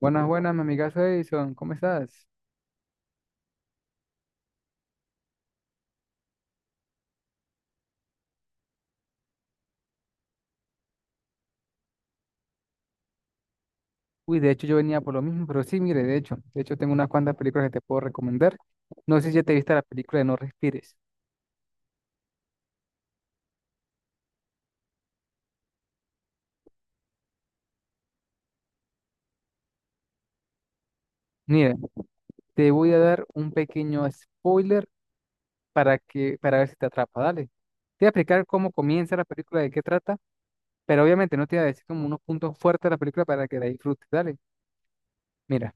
Buenas, buenas, mi amigazo Edison, ¿cómo estás? Uy, de hecho yo venía por lo mismo, pero sí, mire, de hecho tengo unas cuantas películas que te puedo recomendar. No sé si ya te viste la película de No Respires. Mira, te voy a dar un pequeño spoiler para ver si te atrapa, dale. Te voy a explicar cómo comienza la película, de qué trata, pero obviamente no te voy a decir como unos puntos fuertes de la película para que la disfrutes, dale. Mira,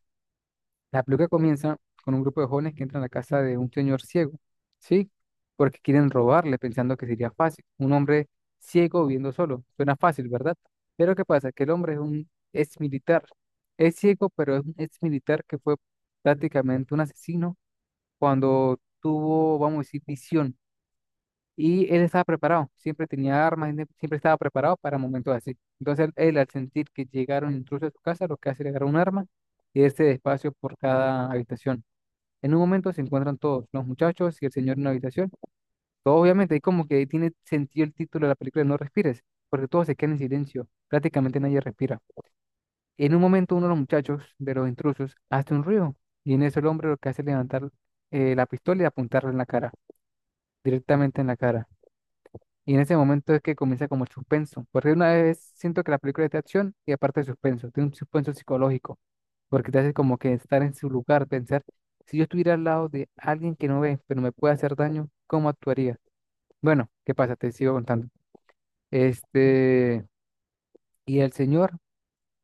la película comienza con un grupo de jóvenes que entran a la casa de un señor ciego, ¿sí? Porque quieren robarle pensando que sería fácil. Un hombre ciego viviendo solo. Suena fácil, ¿verdad? Pero ¿qué pasa? Que el hombre es un ex militar. Es ciego, pero es un ex militar que fue prácticamente un asesino cuando tuvo, vamos a decir, visión. Y él estaba preparado, siempre tenía armas, siempre estaba preparado para momentos así. Entonces él, al sentir que llegaron intrusos a su casa, lo que hace es agarrar un arma y irse despacio por cada habitación. En un momento se encuentran todos, los muchachos y el señor en una habitación. Todo obviamente, ahí como que tiene sentido el título de la película de No respires, porque todos se quedan en silencio, prácticamente nadie respira. En un momento uno de los muchachos, de los intrusos, hace un ruido y en eso el hombre lo que hace es levantar la pistola y apuntarle en la cara, directamente en la cara. Y en ese momento es que comienza como el suspenso, porque una vez siento que la película es de acción y aparte de suspenso, tiene un suspenso psicológico porque te hace como que estar en su lugar, pensar, si yo estuviera al lado de alguien que no ve, pero me puede hacer daño, ¿cómo actuaría? Bueno, ¿qué pasa? Te sigo contando. Este, y el señor,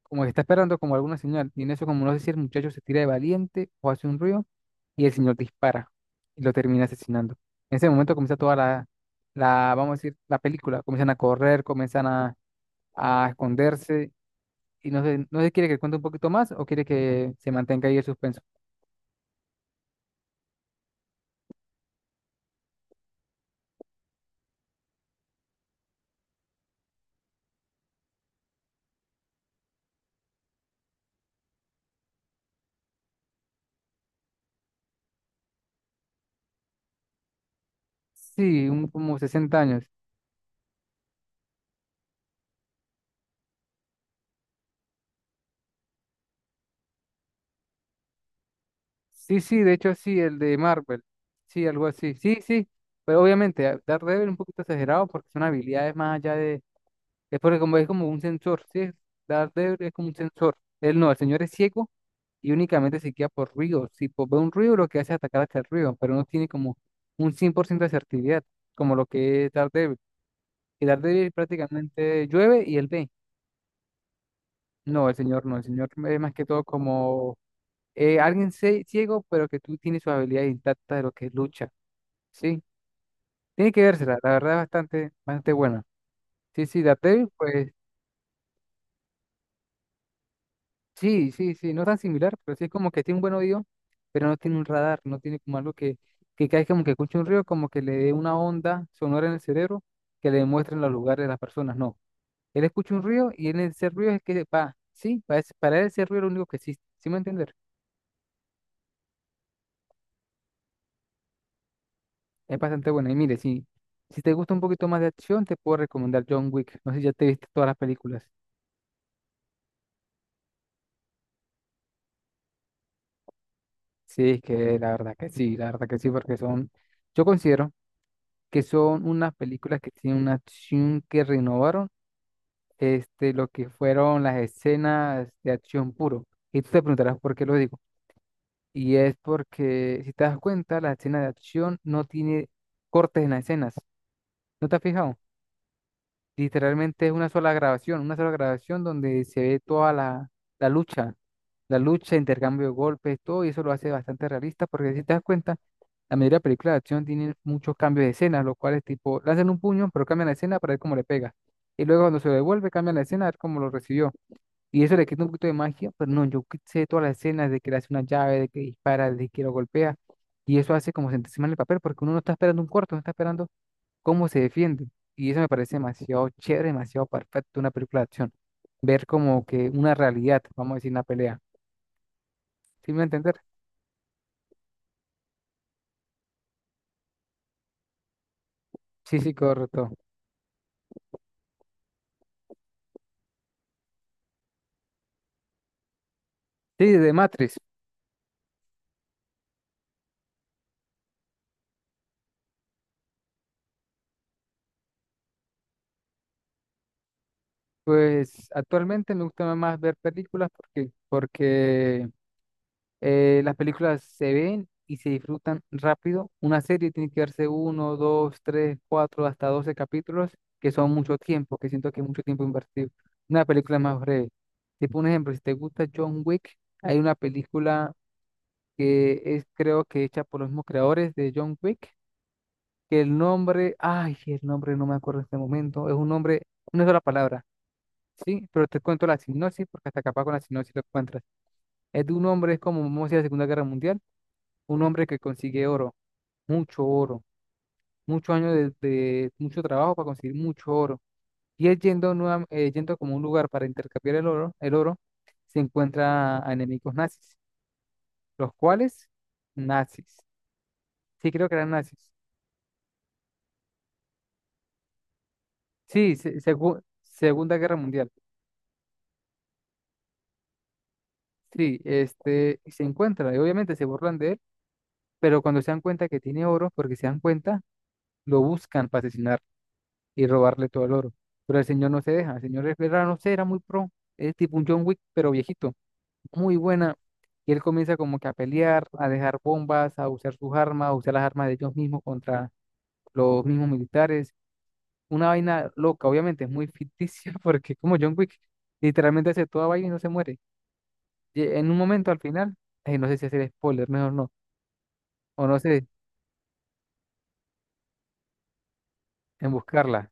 como que está esperando como alguna señal, y en eso como no sé si el muchacho se tira de valiente o hace un ruido, y el señor dispara y lo termina asesinando. En ese momento comienza toda la, vamos a decir, la película, comienzan a correr, comienzan a esconderse, y no sé, no sé, ¿quiere que cuente un poquito más o quiere que se mantenga ahí el suspenso? Sí, un, como 60 años. Sí, sí, de hecho sí, el de Marvel. Sí, algo así. Sí, sí. Pero obviamente, Daredevil un poquito exagerado porque son habilidades más allá de... Es porque como es como un sensor, ¿sí? Daredevil es como un sensor. Él no, el señor es ciego y únicamente se guía por ruidos. Si ve un ruido, lo que hace es atacar hasta el ruido, pero no tiene como un 100% de asertividad, como lo que es Daredevil. Y Daredevil prácticamente llueve y él ve. No, el señor no, el señor es más que todo como... alguien ciego, pero que tú tienes su habilidad intacta de lo que es lucha, ¿sí? Tiene que vérsela, la verdad, es bastante, bastante buena. Sí, sí, Daredevil, pues sí, sí, sí, no tan similar, pero sí es como que tiene un buen oído, pero no tiene un radar, no tiene como algo que cae como que escuche un río, como que le dé una onda sonora en el cerebro que le muestren los lugares de las personas, no. Él escucha un río y en ese río es que va, sí, para él ese río es lo único que existe, ¿sí me entiendes? Es bastante buena. Y mire, si, si te gusta un poquito más de acción, te puedo recomendar John Wick. No sé si ya te viste todas las películas. Sí, es que la verdad que sí, la verdad que sí, porque son, yo considero que son unas películas que tienen una acción que renovaron este, lo que fueron las escenas de acción puro. Y tú te preguntarás por qué lo digo. Y es porque, si te das cuenta, la escena de acción no tiene cortes en las escenas. ¿No te has fijado? Literalmente es una sola grabación donde se ve toda la, la lucha, la lucha, intercambio de golpes, todo, y eso lo hace bastante realista, porque si te das cuenta, la mayoría de películas de acción tienen muchos cambios de escena, los cuales tipo lanzan un puño, pero cambian la escena para ver cómo le pega. Y luego cuando se lo devuelve, cambian la escena a ver cómo lo recibió. Y eso le quita un poquito de magia, pero no, yo sé todas las escenas de que le hace una llave, de que dispara, de que lo golpea, y eso hace como sentirse mal el papel, porque uno no está esperando un corto, no está esperando cómo se defiende. Y eso me parece demasiado chévere, demasiado perfecto una película de acción. Ver como que una realidad, vamos a decir, una pelea. ¿Sí me va a entender? Sí, sí, correcto. Sí, de Matrix. Pues actualmente me gusta más ver películas porque las películas se ven y se disfrutan rápido. Una serie tiene que verse uno, dos, tres, cuatro, hasta 12 capítulos, que son mucho tiempo, que siento que es mucho tiempo invertido. Una película es más breve. Tipo un ejemplo, si te gusta John Wick, hay una película que es creo que hecha por los mismos creadores de John Wick, que el nombre, ay, el nombre no me acuerdo en este momento, es un nombre, una sola palabra, ¿sí? Pero te cuento la sinopsis porque hasta capaz con la sinopsis lo encuentras. Es de un hombre, es como, vamos a decir, la Segunda Guerra Mundial, un hombre que consigue oro, mucho oro, muchos años de mucho trabajo para conseguir mucho oro. Y él yendo, yendo como un lugar para intercambiar el oro, se encuentra a enemigos nazis, los cuales, nazis. Sí, creo que eran nazis. Sí, Segunda Guerra Mundial. Sí, este, y se encuentra, y obviamente se burlan de él, pero cuando se dan cuenta que tiene oro, porque se dan cuenta, lo buscan para asesinar y robarle todo el oro. Pero el señor no se deja, el señor es, era, no sé, era muy pro, es tipo un John Wick, pero viejito, muy buena. Y él comienza como que a pelear, a dejar bombas, a usar sus armas, a usar las armas de ellos mismos contra los mismos militares. Una vaina loca, obviamente, es muy ficticia porque es como John Wick literalmente hace toda vaina y no se muere. Y en un momento al final, ay, no sé si hacer spoiler, mejor no, o no sé, en buscarla.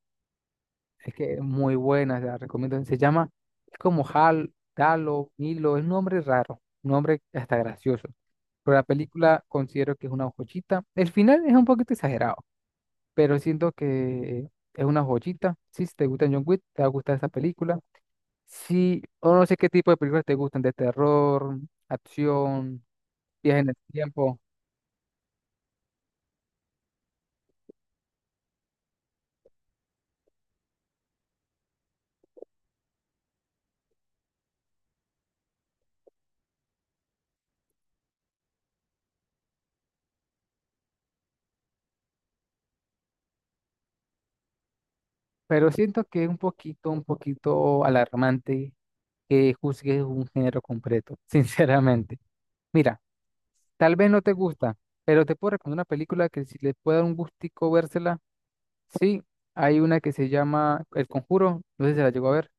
Es que es muy buena, la recomiendo. Se llama, es como Hal, Galo Milo, es un nombre raro, un nombre hasta gracioso. Pero la película considero que es una joyita. El final es un poquito exagerado, pero siento que es una joyita. Sí, si te gusta John Wick, te va a gustar esa película. Sí, o no sé qué tipo de películas te gustan, de terror, acción, viaje en el tiempo, pero siento que es un poquito alarmante que juzgues un género completo, sinceramente. Mira. Tal vez no te gusta, pero te puedo recomendar una película que si les puede dar un gustico vérsela. Sí, hay una que se llama El Conjuro. No sé si se la llegó a ver.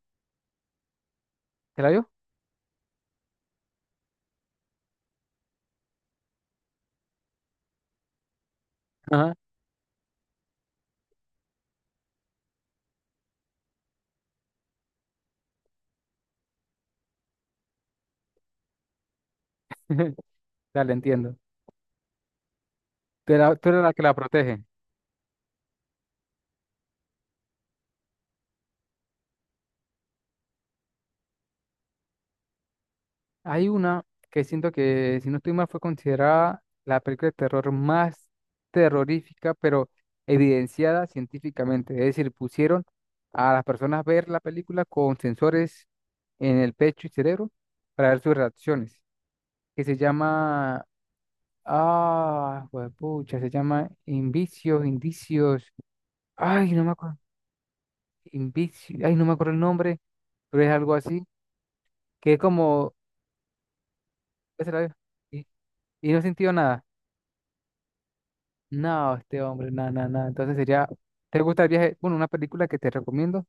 ¿Te la vio? Ajá. Dale, entiendo. Tú eras la que la protege. Hay una que siento que, si no estoy mal, fue considerada la película de terror más terrorífica, pero evidenciada científicamente. Es decir, pusieron a las personas a ver la película con sensores en el pecho y cerebro para ver sus reacciones, que se llama ah, pucha, se llama Invicios, Indicios. Ay, no me acuerdo. Invicios, ay, no me acuerdo el nombre, pero es algo así, que es como, ¿qué será? Y, y no he sentido nada. No, este hombre, nada, nada, nada. Entonces sería, ¿te gusta el viaje? Bueno, una película que te recomiendo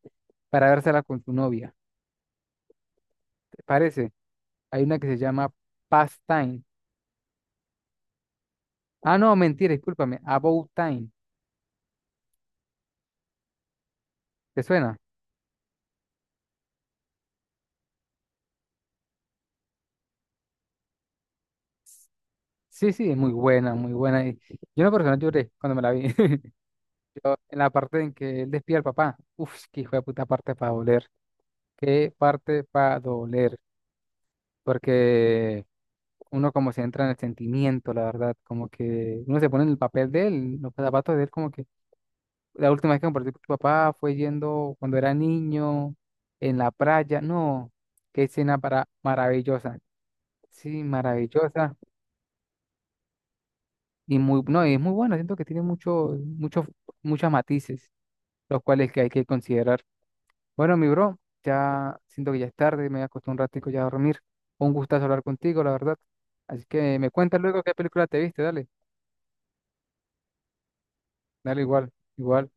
para vérsela con tu novia. ¿Te parece? Hay una que se llama Past Time. Ah, no, mentira, discúlpame. About Time. ¿Te suena? Sí, sí, es muy buena, muy buena. Y yo en lo personal lloré cuando me la vi. En la parte en que él despide al papá. Uf, qué hijo de puta parte para doler. Qué parte para doler. Porque uno como se entra en el sentimiento, la verdad. Como que uno se pone en el papel de él, los zapatos de él. Como que la última vez que compartí con tu papá fue yendo cuando era niño, en la playa. No, qué escena para maravillosa. Sí, maravillosa. Y muy, no, y es muy bueno. Siento que tiene mucho, muchos muchos matices, los cuales que hay que considerar. Bueno, mi bro, ya siento que ya es tarde, me voy a acostar un ratico ya a dormir. Un gustazo hablar contigo, la verdad. Así que me cuentas luego qué película te viste, dale, dale igual, igual.